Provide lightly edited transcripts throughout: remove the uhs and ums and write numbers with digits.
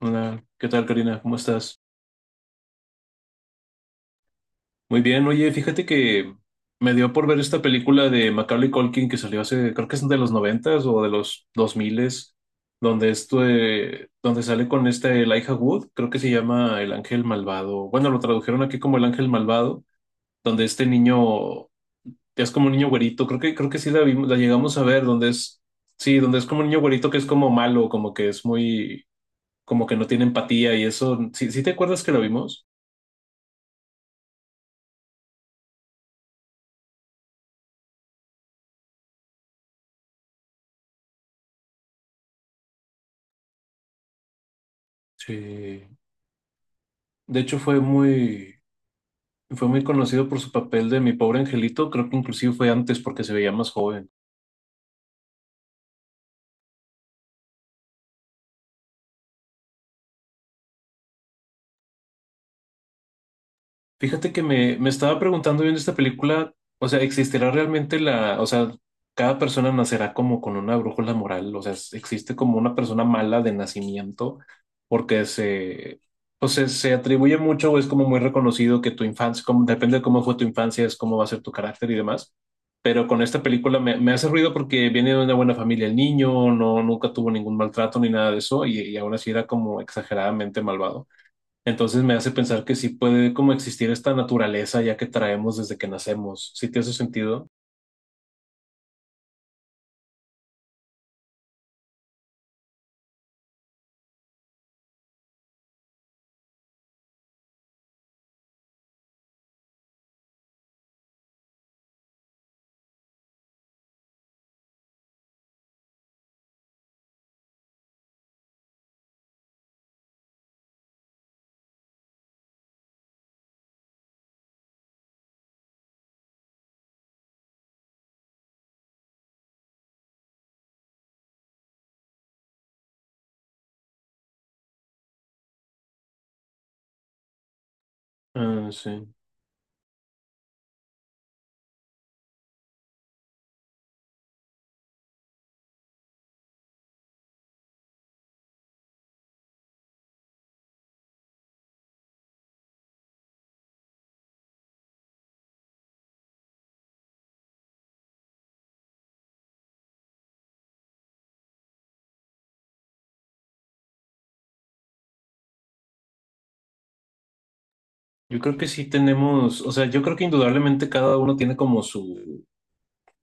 Hola, ¿qué tal, Karina? ¿Cómo estás? Muy bien, oye, fíjate que me dio por ver esta película de Macaulay Culkin que salió hace, creo que es de los noventas o de los dos miles, donde esto, donde sale con esta Elijah Wood, creo que se llama El Ángel Malvado. Bueno, lo tradujeron aquí como El Ángel Malvado, donde este niño es como un niño güerito, creo que sí la vimos, la llegamos a ver, donde es, sí, donde es como un niño güerito que es como malo, como que es muy, como que no tiene empatía y eso, sí, ¿sí te acuerdas que la vimos? Sí. De hecho, fue muy conocido por su papel de Mi Pobre Angelito. Creo que inclusive fue antes porque se veía más joven. Fíjate que me estaba preguntando viendo esta película, o sea, ¿existirá realmente la, o sea, cada persona nacerá como con una brújula moral? O sea, ¿existe como una persona mala de nacimiento? Porque se, o sea, se atribuye mucho o es como muy reconocido que tu infancia, como, depende de cómo fue tu infancia, es cómo va a ser tu carácter y demás. Pero con esta película me hace ruido porque viene de una buena familia el niño, no, nunca tuvo ningún maltrato ni nada de eso y aún así era como exageradamente malvado. Entonces me hace pensar que sí puede como existir esta naturaleza ya que traemos desde que nacemos. ¿Sí te hace sentido? Ah, sí. Yo creo que sí tenemos, o sea, yo creo que indudablemente cada uno tiene como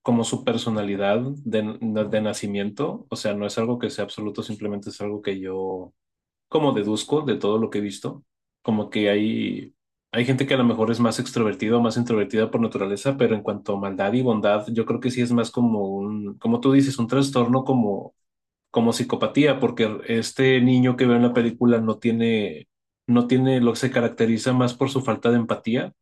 como su personalidad de nacimiento. O sea, no es algo que sea absoluto, simplemente es algo que yo como deduzco de todo lo que he visto. Como que hay gente que a lo mejor es más extrovertida o más introvertida por naturaleza, pero en cuanto a maldad y bondad, yo creo que sí es más como un, como tú dices, un trastorno como psicopatía, porque este niño que veo en la película no tiene, no tiene, lo que se caracteriza más por su falta de empatía,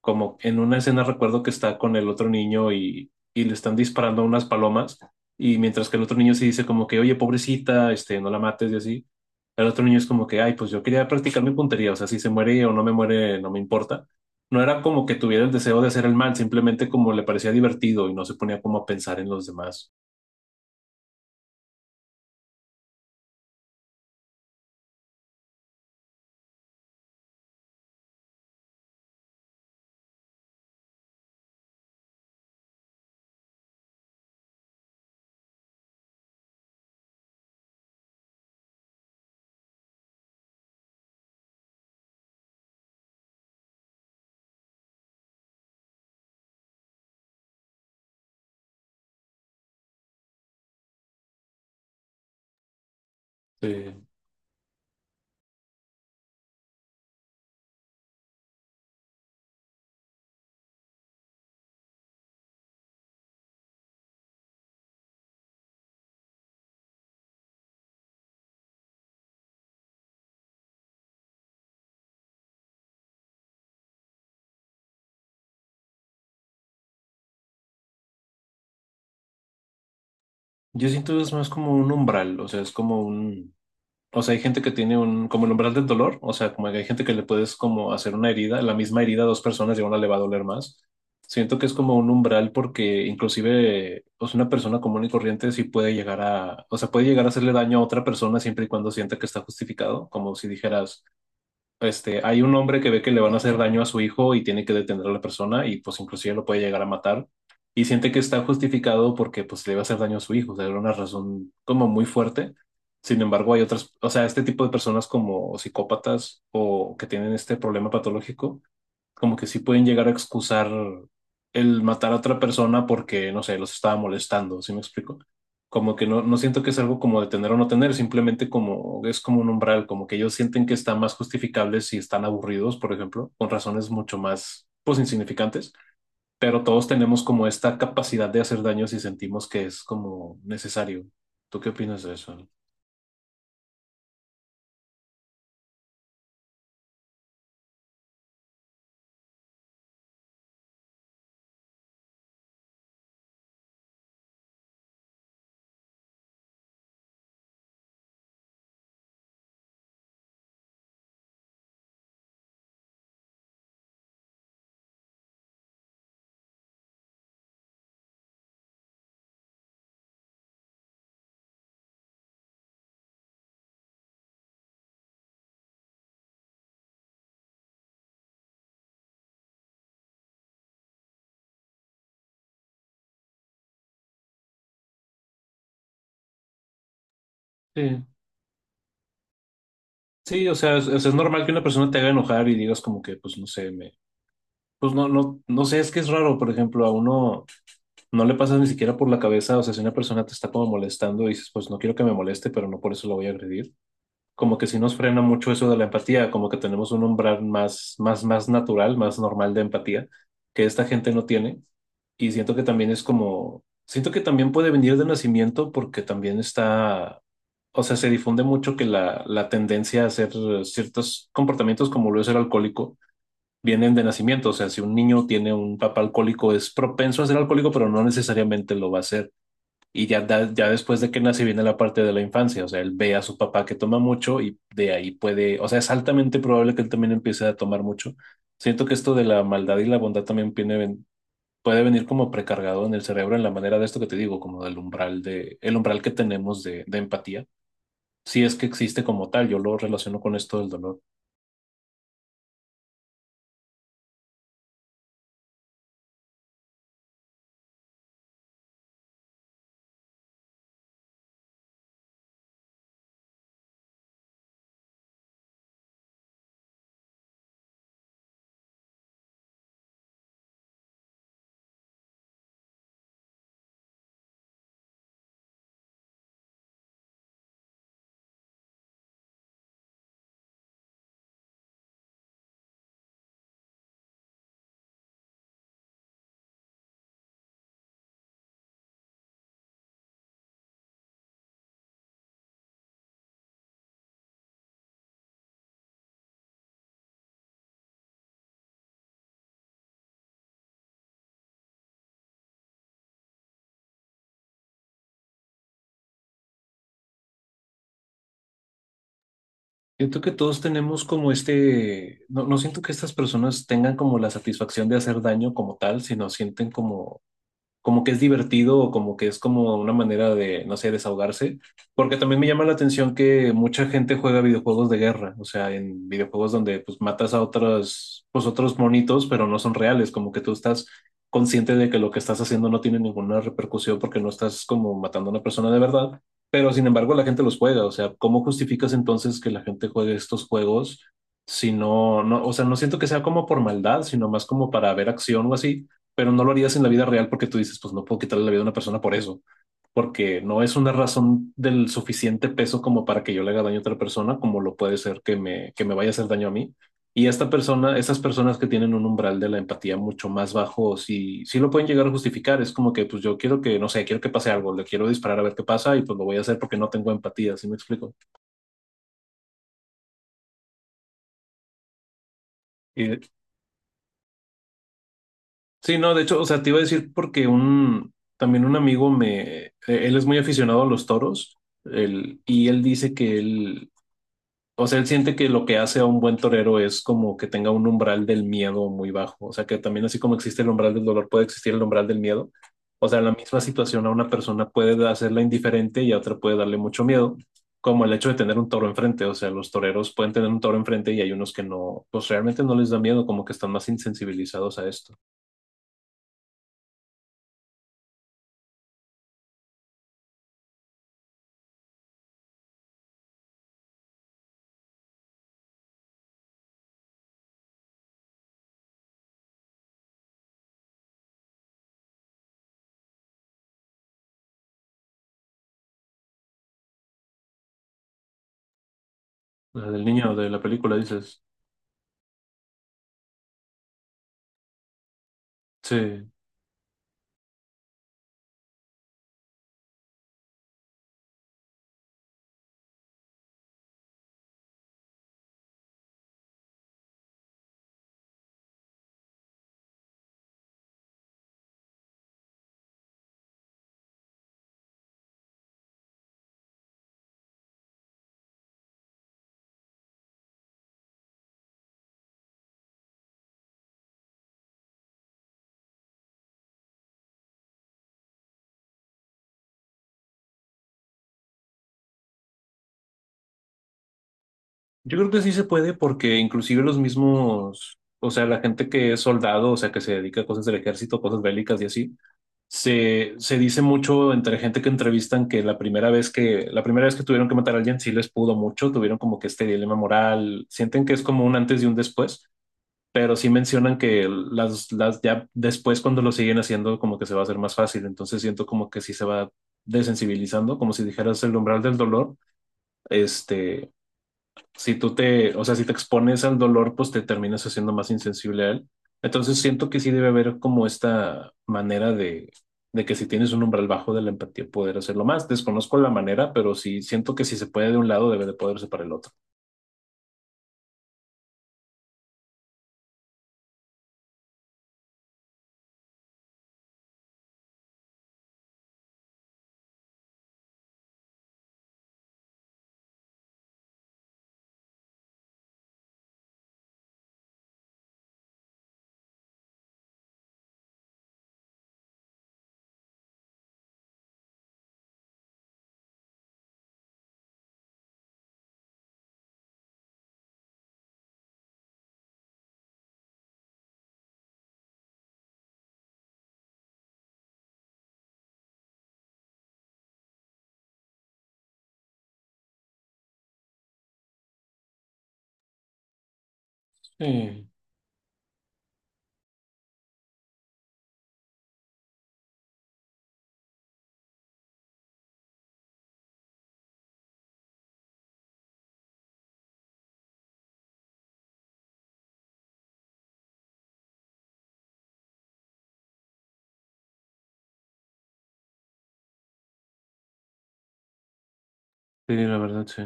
como en una escena recuerdo que está con el otro niño y le están disparando unas palomas, y mientras que el otro niño sí dice como que, oye, pobrecita, este, no la mates y así, el otro niño es como que, ay, pues yo quería practicar mi puntería, o sea, si se muere o no me muere, no me importa. No era como que tuviera el deseo de hacer el mal, simplemente como le parecía divertido y no se ponía como a pensar en los demás. Sí. Yo siento que es más como un umbral, o sea, es como un, o sea, hay gente que tiene un, como el umbral del dolor, o sea, como que hay gente que le puedes como hacer una herida, la misma herida a dos personas y a una le va a doler más. Siento que es como un umbral porque inclusive, o sea, una persona común y corriente sí puede llegar a, o sea, puede llegar a hacerle daño a otra persona siempre y cuando sienta que está justificado, como si dijeras este, hay un hombre que ve que le van a hacer daño a su hijo y tiene que detener a la persona y pues inclusive lo puede llegar a matar y siente que está justificado porque pues le va a hacer daño a su hijo, o sea, era una razón como muy fuerte. Sin embargo, hay otras, o sea, este tipo de personas como psicópatas o que tienen este problema patológico como que sí pueden llegar a excusar el matar a otra persona porque, no sé, los estaba molestando, ¿sí me explico? Como que no, no siento que es algo como de tener o no tener, simplemente como es como un umbral, como que ellos sienten que están más justificables si están aburridos, por ejemplo, con razones mucho más, pues, insignificantes, pero todos tenemos como esta capacidad de hacer daño si sentimos que es como necesario. ¿Tú qué opinas de eso? Sí. Sí, o sea, es normal que una persona te haga enojar y digas como que, pues, no sé, me, pues no, no sé, es que es raro, por ejemplo, a uno no le pasa ni siquiera por la cabeza, o sea, si una persona te está como molestando, dices, pues no quiero que me moleste, pero no por eso lo voy a agredir. Como que sí nos frena mucho eso de la empatía, como que tenemos un umbral más natural, más normal de empatía, que esta gente no tiene. Y siento que también es como, siento que también puede venir de nacimiento porque también está, o sea, se difunde mucho que la tendencia a hacer ciertos comportamientos como lo es el alcohólico vienen de nacimiento. O sea, si un niño tiene un papá alcohólico, es propenso a ser alcohólico, pero no necesariamente lo va a ser. Y ya, ya después de que nace viene la parte de la infancia. O sea, él ve a su papá que toma mucho y de ahí puede, o sea, es altamente probable que él también empiece a tomar mucho. Siento que esto de la maldad y la bondad también viene, puede venir como precargado en el cerebro en la manera de esto que te digo, como del umbral de, el umbral que tenemos de empatía. Si es que existe como tal, yo lo relaciono con esto del dolor. Siento que todos tenemos como este, no, no siento que estas personas tengan como la satisfacción de hacer daño como tal, sino sienten como como que es divertido o como que es como una manera de, no sé, desahogarse, porque también me llama la atención que mucha gente juega videojuegos de guerra, o sea, en videojuegos donde pues matas a otros, pues otros monitos, pero no son reales, como que tú estás consciente de que lo que estás haciendo no tiene ninguna repercusión porque no estás como matando a una persona de verdad, pero sin embargo la gente los juega, o sea, ¿cómo justificas entonces que la gente juegue estos juegos? Si no, no, o sea, no siento que sea como por maldad, sino más como para ver acción o así, pero no lo harías en la vida real porque tú dices, pues no puedo quitarle la vida a una persona por eso, porque no es una razón del suficiente peso como para que yo le haga daño a otra persona, como lo puede ser que que me vaya a hacer daño a mí. Y esta persona, esas personas que tienen un umbral de la empatía mucho más bajo, sí, sí lo pueden llegar a justificar. Es como que, pues yo quiero que, no sé, quiero que pase algo, le quiero disparar a ver qué pasa y pues lo voy a hacer porque no tengo empatía, ¿sí me explico? Y sí, no, de hecho, o sea, te iba a decir porque un, también un amigo me, él es muy aficionado a los toros, y él dice que él, o sea, él siente que lo que hace a un buen torero es como que tenga un umbral del miedo muy bajo, o sea, que también así como existe el umbral del dolor, puede existir el umbral del miedo, o sea, la misma situación a una persona puede hacerla indiferente y a otra puede darle mucho miedo, como el hecho de tener un toro enfrente, o sea, los toreros pueden tener un toro enfrente y hay unos que no, pues realmente no les da miedo, como que están más insensibilizados a esto. La del niño de la película, dices. Sí. Yo creo que sí se puede porque inclusive los mismos, o sea, la gente que es soldado, o sea, que se dedica a cosas del ejército, cosas bélicas y así, se dice mucho entre gente que entrevistan que la primera vez que tuvieron que matar a alguien sí les pudo mucho, tuvieron como que este dilema moral, sienten que es como un antes y un después, pero sí mencionan que las ya después cuando lo siguen haciendo como que se va a hacer más fácil, entonces siento como que sí se va desensibilizando, como si dijeras el umbral del dolor este, si tú te, o sea, si te expones al dolor, pues te terminas haciendo más insensible a él. Entonces siento que sí debe haber como esta manera de que si tienes un umbral bajo de la empatía, poder hacerlo más. Desconozco la manera, pero sí siento que si se puede de un lado, debe de poderse para el otro. Sí, sí, la verdad, sí.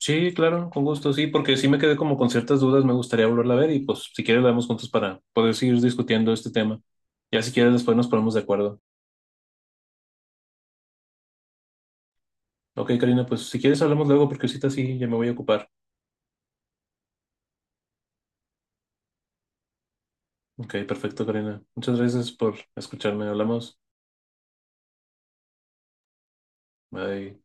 Sí, claro, con gusto, sí, porque sí me quedé como con ciertas dudas, me gustaría volverla a ver y pues si quieres la vemos juntos para poder seguir discutiendo este tema. Ya si quieres después nos ponemos de acuerdo. Ok, Karina, pues si quieres hablamos luego porque ahorita sí, ya me voy a ocupar. Ok, perfecto, Karina. Muchas gracias por escucharme. Hablamos. Bye.